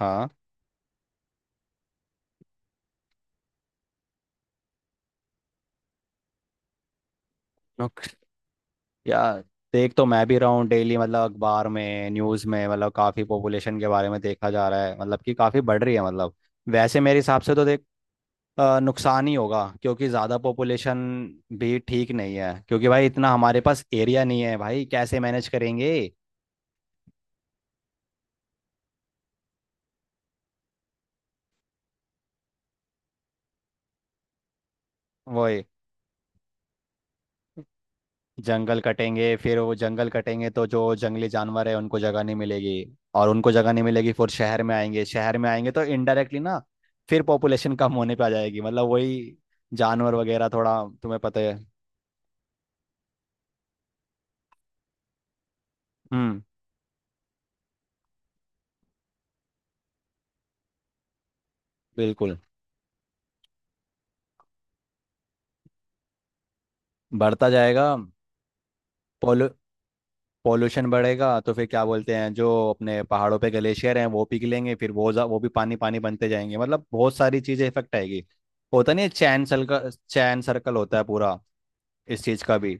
हाँ नुक- यार, देख तो मैं भी रहा हूँ डेली। मतलब अखबार में, न्यूज़ में मतलब काफ़ी पॉपुलेशन के बारे में देखा जा रहा है मतलब कि काफ़ी बढ़ रही है मतलब। वैसे मेरे हिसाब से तो देख, नुकसान ही होगा क्योंकि ज़्यादा पॉपुलेशन भी ठीक नहीं है। क्योंकि भाई इतना हमारे पास एरिया नहीं है भाई, कैसे मैनेज करेंगे। वो जंगल कटेंगे, फिर वो जंगल कटेंगे तो जो जंगली जानवर है उनको जगह नहीं मिलेगी। और उनको जगह नहीं मिलेगी फिर शहर में आएंगे, शहर में आएंगे तो इनडायरेक्टली ना फिर पॉपुलेशन कम होने पे आ जाएगी, मतलब वही जानवर वगैरह। थोड़ा तुम्हें पता है। हम्म। बिल्कुल। बढ़ता जाएगा। पोलू पॉल्यूशन बढ़ेगा तो फिर क्या बोलते हैं, जो अपने पहाड़ों पे ग्लेशियर हैं वो पिघलेंगे, फिर वो भी पानी पानी बनते जाएंगे। मतलब बहुत सारी चीज़ें इफेक्ट आएगी। होता नहीं है, चैन सर्कल, चैन सर्कल होता है पूरा, इस चीज़ का भी।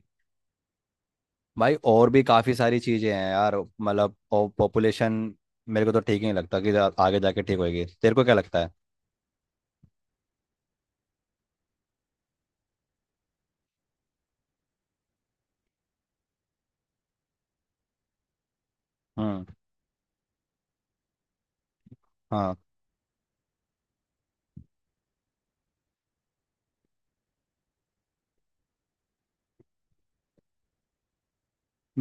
भाई और भी काफ़ी सारी चीज़ें हैं यार, मतलब और पॉपुलेशन मेरे को तो ठीक नहीं लगता कि आगे जाके ठीक होएगी। तेरे को क्या लगता है। हम्म। हाँ।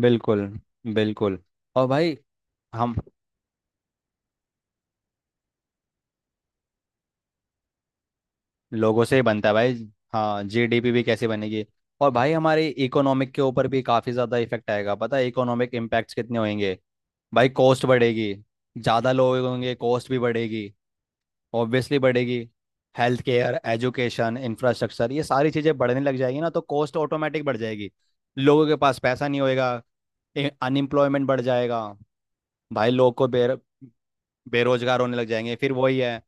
बिल्कुल, बिल्कुल। और भाई हम, लोगों से ही बनता है भाई। हाँ, जीडीपी भी कैसे बनेगी। और भाई हमारे इकोनॉमिक के ऊपर भी काफ़ी ज़्यादा इफेक्ट आएगा। पता है इकोनॉमिक इम्पैक्ट्स कितने होंगे। भाई कॉस्ट बढ़ेगी। ज़्यादा लोग होंगे, कॉस्ट भी बढ़ेगी। ऑब्वियसली बढ़ेगी। हेल्थ केयर, एजुकेशन, इंफ्रास्ट्रक्चर, ये सारी चीज़ें बढ़ने लग जाएगी ना, तो कॉस्ट ऑटोमेटिक बढ़ जाएगी। लोगों के पास पैसा नहीं होएगा। अनएम्प्लॉयमेंट बढ़ जाएगा। भाई लोग को बेर बेरोजगार होने लग जाएंगे, फिर वही है।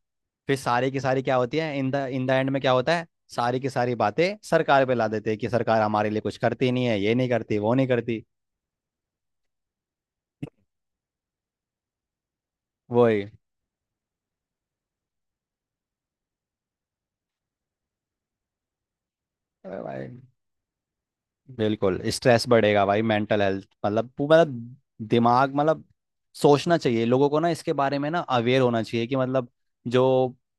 फिर सारी की सारी क्या होती है, इन द एंड में क्या होता है। सारी की सारी बातें सरकार पे ला देते हैं कि सरकार हमारे लिए कुछ करती नहीं है, ये नहीं करती, वो नहीं करती। वही। अरे भाई, बिल्कुल स्ट्रेस बढ़ेगा भाई, मेंटल हेल्थ, मतलब दिमाग, मतलब सोचना चाहिए लोगों को ना, इसके बारे में ना अवेयर होना चाहिए कि मतलब जो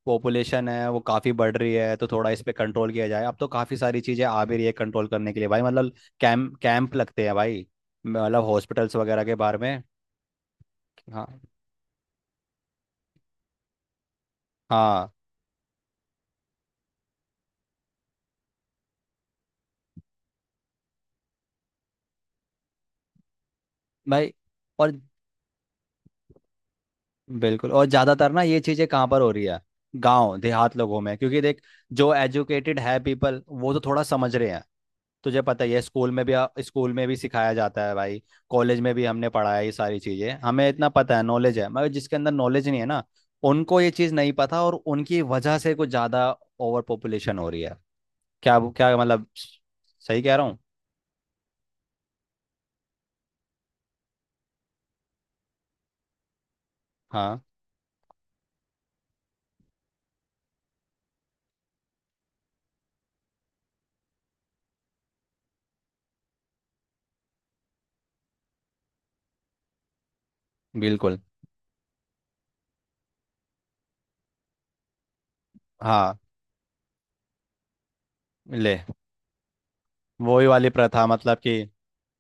पॉपुलेशन है वो काफ़ी बढ़ रही है तो थोड़ा इस पे कंट्रोल किया जाए। अब तो काफ़ी सारी चीज़ें आ भी रही है कंट्रोल करने के लिए भाई, मतलब कैंप कैंप लगते हैं भाई, मतलब हॉस्पिटल्स वगैरह के बारे में। हाँ, हाँ। भाई और, बिल्कुल। और ज़्यादातर ना ये चीज़ें कहाँ पर हो रही है, गांव देहात लोगों में। क्योंकि देख, जो एजुकेटेड है पीपल वो तो थोड़ा समझ रहे हैं। तुझे पता ही है, स्कूल में भी, स्कूल में भी सिखाया जाता है भाई। कॉलेज में भी हमने पढ़ा है, ये सारी चीजें हमें इतना पता है, नॉलेज है। मगर जिसके अंदर नॉलेज नहीं है ना, उनको ये चीज नहीं पता, और उनकी वजह से कुछ ज्यादा ओवर पॉपुलेशन हो रही है। क्या क्या मतलब। सही कह रहा हूँ। हाँ। बिल्कुल। हाँ। ले, वही वाली प्रथा मतलब कि,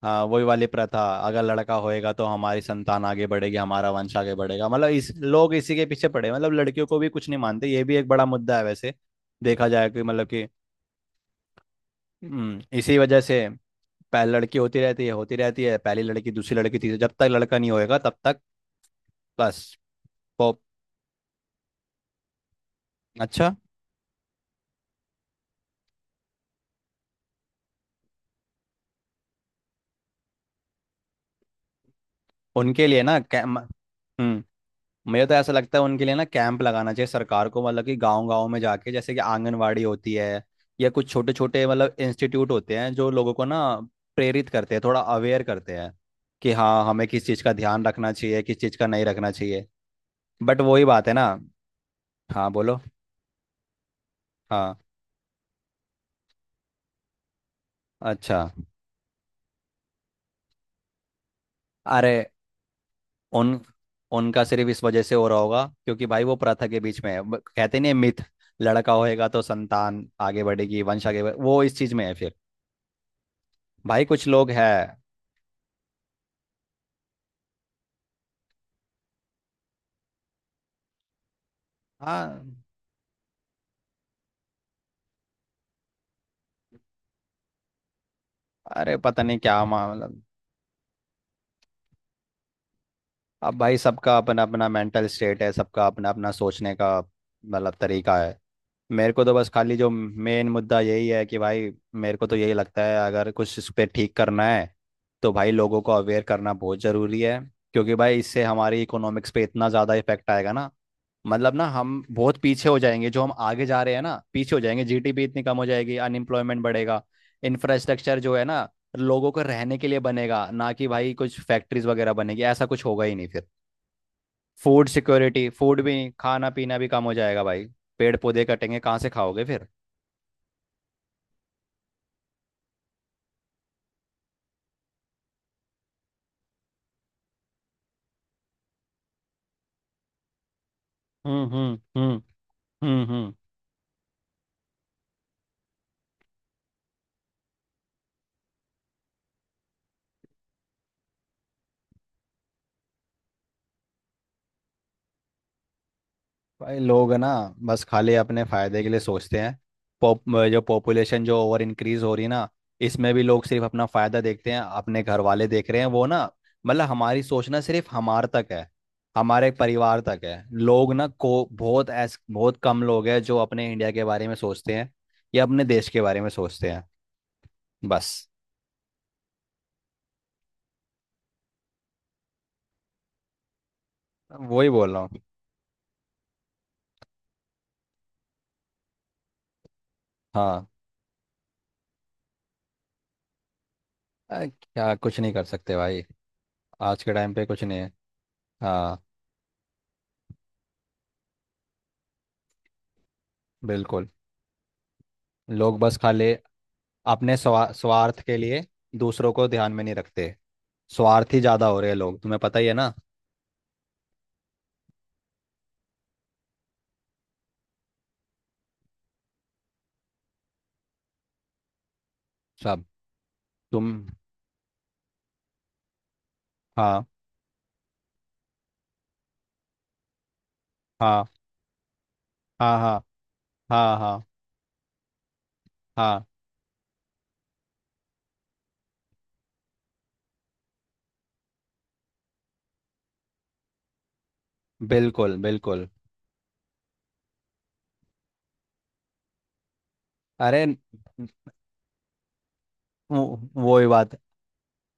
हाँ वही वाली प्रथा। अगर लड़का होएगा तो हमारी संतान आगे बढ़ेगी, हमारा वंश आगे बढ़ेगा, मतलब इस लोग इसी के पीछे पड़े, मतलब लड़कियों को भी कुछ नहीं मानते। ये भी एक बड़ा मुद्दा है वैसे, देखा जाए कि मतलब कि, इसी वजह से पहली लड़की होती रहती है, होती रहती है पहली लड़की, दूसरी लड़की, तीसरी, जब तक लड़का नहीं होएगा तब तक। बस। पॉप अच्छा। उनके लिए ना कै- म- हम्म। मुझे तो ऐसा लगता है उनके लिए ना कैंप लगाना चाहिए सरकार को, मतलब कि गांव गांव में जाके, जैसे कि आंगनवाड़ी होती है, या कुछ छोटे छोटे मतलब इंस्टीट्यूट होते हैं जो लोगों को ना प्रेरित करते हैं, थोड़ा अवेयर करते हैं कि हाँ हमें किस चीज़ का ध्यान रखना चाहिए, किस चीज़ का नहीं रखना चाहिए। बट वही बात है ना। हाँ बोलो। हाँ। अच्छा। अरे उन, उनका सिर्फ इस वजह से हो रहा होगा क्योंकि भाई वो प्रथा के बीच में है, कहते नहीं, मिथ। लड़का होएगा तो संतान आगे बढ़ेगी, वंश आगे बढ़े, वो इस चीज़ में है फिर। भाई कुछ लोग हैं। हाँ। अरे पता नहीं क्या मतलब। अब भाई सबका अपना अपना मेंटल स्टेट है, सबका अपना अपना सोचने का मतलब तरीका है। मेरे को तो बस खाली जो मेन मुद्दा यही है कि भाई, मेरे को तो यही लगता है अगर कुछ इस पे ठीक करना है तो भाई लोगों को अवेयर करना बहुत ज़रूरी है। क्योंकि भाई इससे हमारी इकोनॉमिक्स पे इतना ज़्यादा इफेक्ट आएगा ना। मतलब ना हम बहुत पीछे हो जाएंगे, जो हम आगे जा रहे हैं ना पीछे हो जाएंगे, जीडीपी इतनी कम हो जाएगी, अनएम्प्लॉयमेंट बढ़ेगा। इंफ्रास्ट्रक्चर जो है ना, लोगों को रहने के लिए बनेगा ना, कि भाई कुछ फैक्ट्रीज वगैरह बनेगी ऐसा कुछ होगा ही नहीं फिर। फूड सिक्योरिटी, फूड भी नहीं, खाना पीना भी कम हो जाएगा भाई। पेड़ पौधे कटेंगे, कहाँ से खाओगे फिर। हम्म। हम्म। भाई लोग है ना, बस खाली अपने फायदे के लिए सोचते हैं। पॉप जो पॉपुलेशन जो ओवर इंक्रीज हो रही है ना, इसमें भी लोग सिर्फ अपना फायदा देखते हैं, अपने घर वाले देख रहे हैं वो ना। मतलब हमारी सोचना सिर्फ हमार तक है हमारे परिवार तक है। लोग ना को बहुत ऐस बहुत कम लोग हैं जो अपने इंडिया के बारे में सोचते हैं या अपने देश के बारे में सोचते हैं। बस। वही बोल रहा हूँ। हाँ, क्या कुछ नहीं कर सकते भाई, आज के टाइम पे कुछ नहीं है। हाँ। बिल्कुल। लोग बस खाली अपने स्वार्थ के लिए दूसरों को ध्यान में नहीं रखते। स्वार्थी ज्यादा हो रहे हैं लोग, तुम्हें पता ही है ना। सब। तुम। हाँ हाँ हाँ। हाँ हाँ हाँ हाँ। बिल्कुल, बिल्कुल। अरे वो वो ही बात।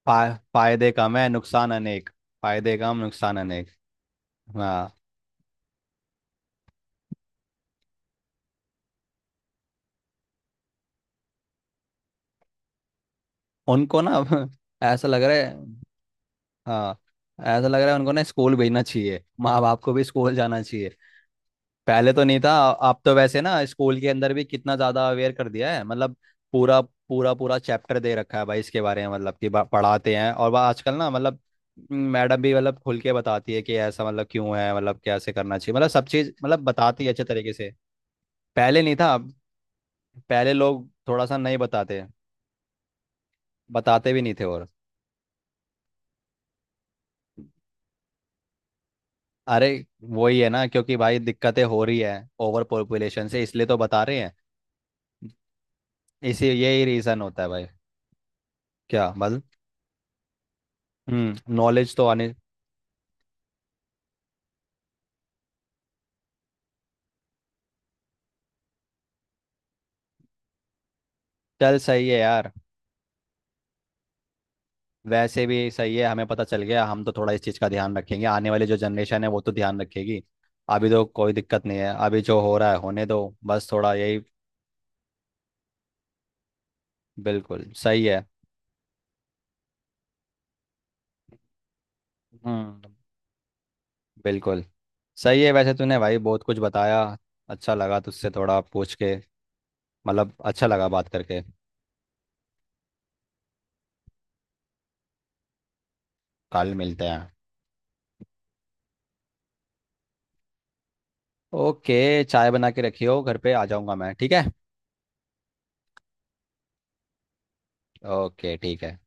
फायदे कम है, नुकसान अनेक। फायदे कम, नुकसान अनेक। हाँ। उनको ना अब ऐसा लग रहा है। हाँ। ऐसा लग रहा है उनको ना स्कूल भेजना चाहिए, माँ बाप को भी स्कूल जाना चाहिए। पहले तो नहीं था। आप तो वैसे ना स्कूल के अंदर भी कितना ज्यादा अवेयर कर दिया है, मतलब पूरा, पूरा चैप्टर दे रखा है भाई इसके बारे में, मतलब कि पढ़ाते हैं। और वह आजकल ना मतलब मैडम भी मतलब खुल के बताती है कि ऐसा मतलब क्यों है, मतलब कैसे करना चाहिए, मतलब सब चीज मतलब बताती है अच्छे तरीके से। पहले नहीं था, पहले लोग थोड़ा सा नहीं बताते, बताते भी नहीं थे। और अरे वही है ना, क्योंकि भाई दिक्कतें हो रही है ओवर पॉपुलेशन से, इसलिए तो बता रहे हैं। इसी यही रीजन होता है भाई। क्या मतलब। हम्म, नॉलेज तो आने। चल सही है यार। वैसे भी सही है, हमें पता चल गया, हम तो थोड़ा इस चीज़ का ध्यान रखेंगे, आने वाली जो जनरेशन है वो तो ध्यान रखेगी। अभी तो कोई दिक्कत नहीं है, अभी जो हो रहा है होने दो। बस थोड़ा यही। बिल्कुल सही है। हम्म। बिल्कुल सही है वैसे, तूने भाई बहुत कुछ बताया। अच्छा लगा तुझसे थोड़ा पूछ के, मतलब अच्छा लगा बात करके। कल मिलते हैं। ओके, चाय बना के रखियो घर पे, आ जाऊंगा मैं। ठीक है। ओके। ठीक है।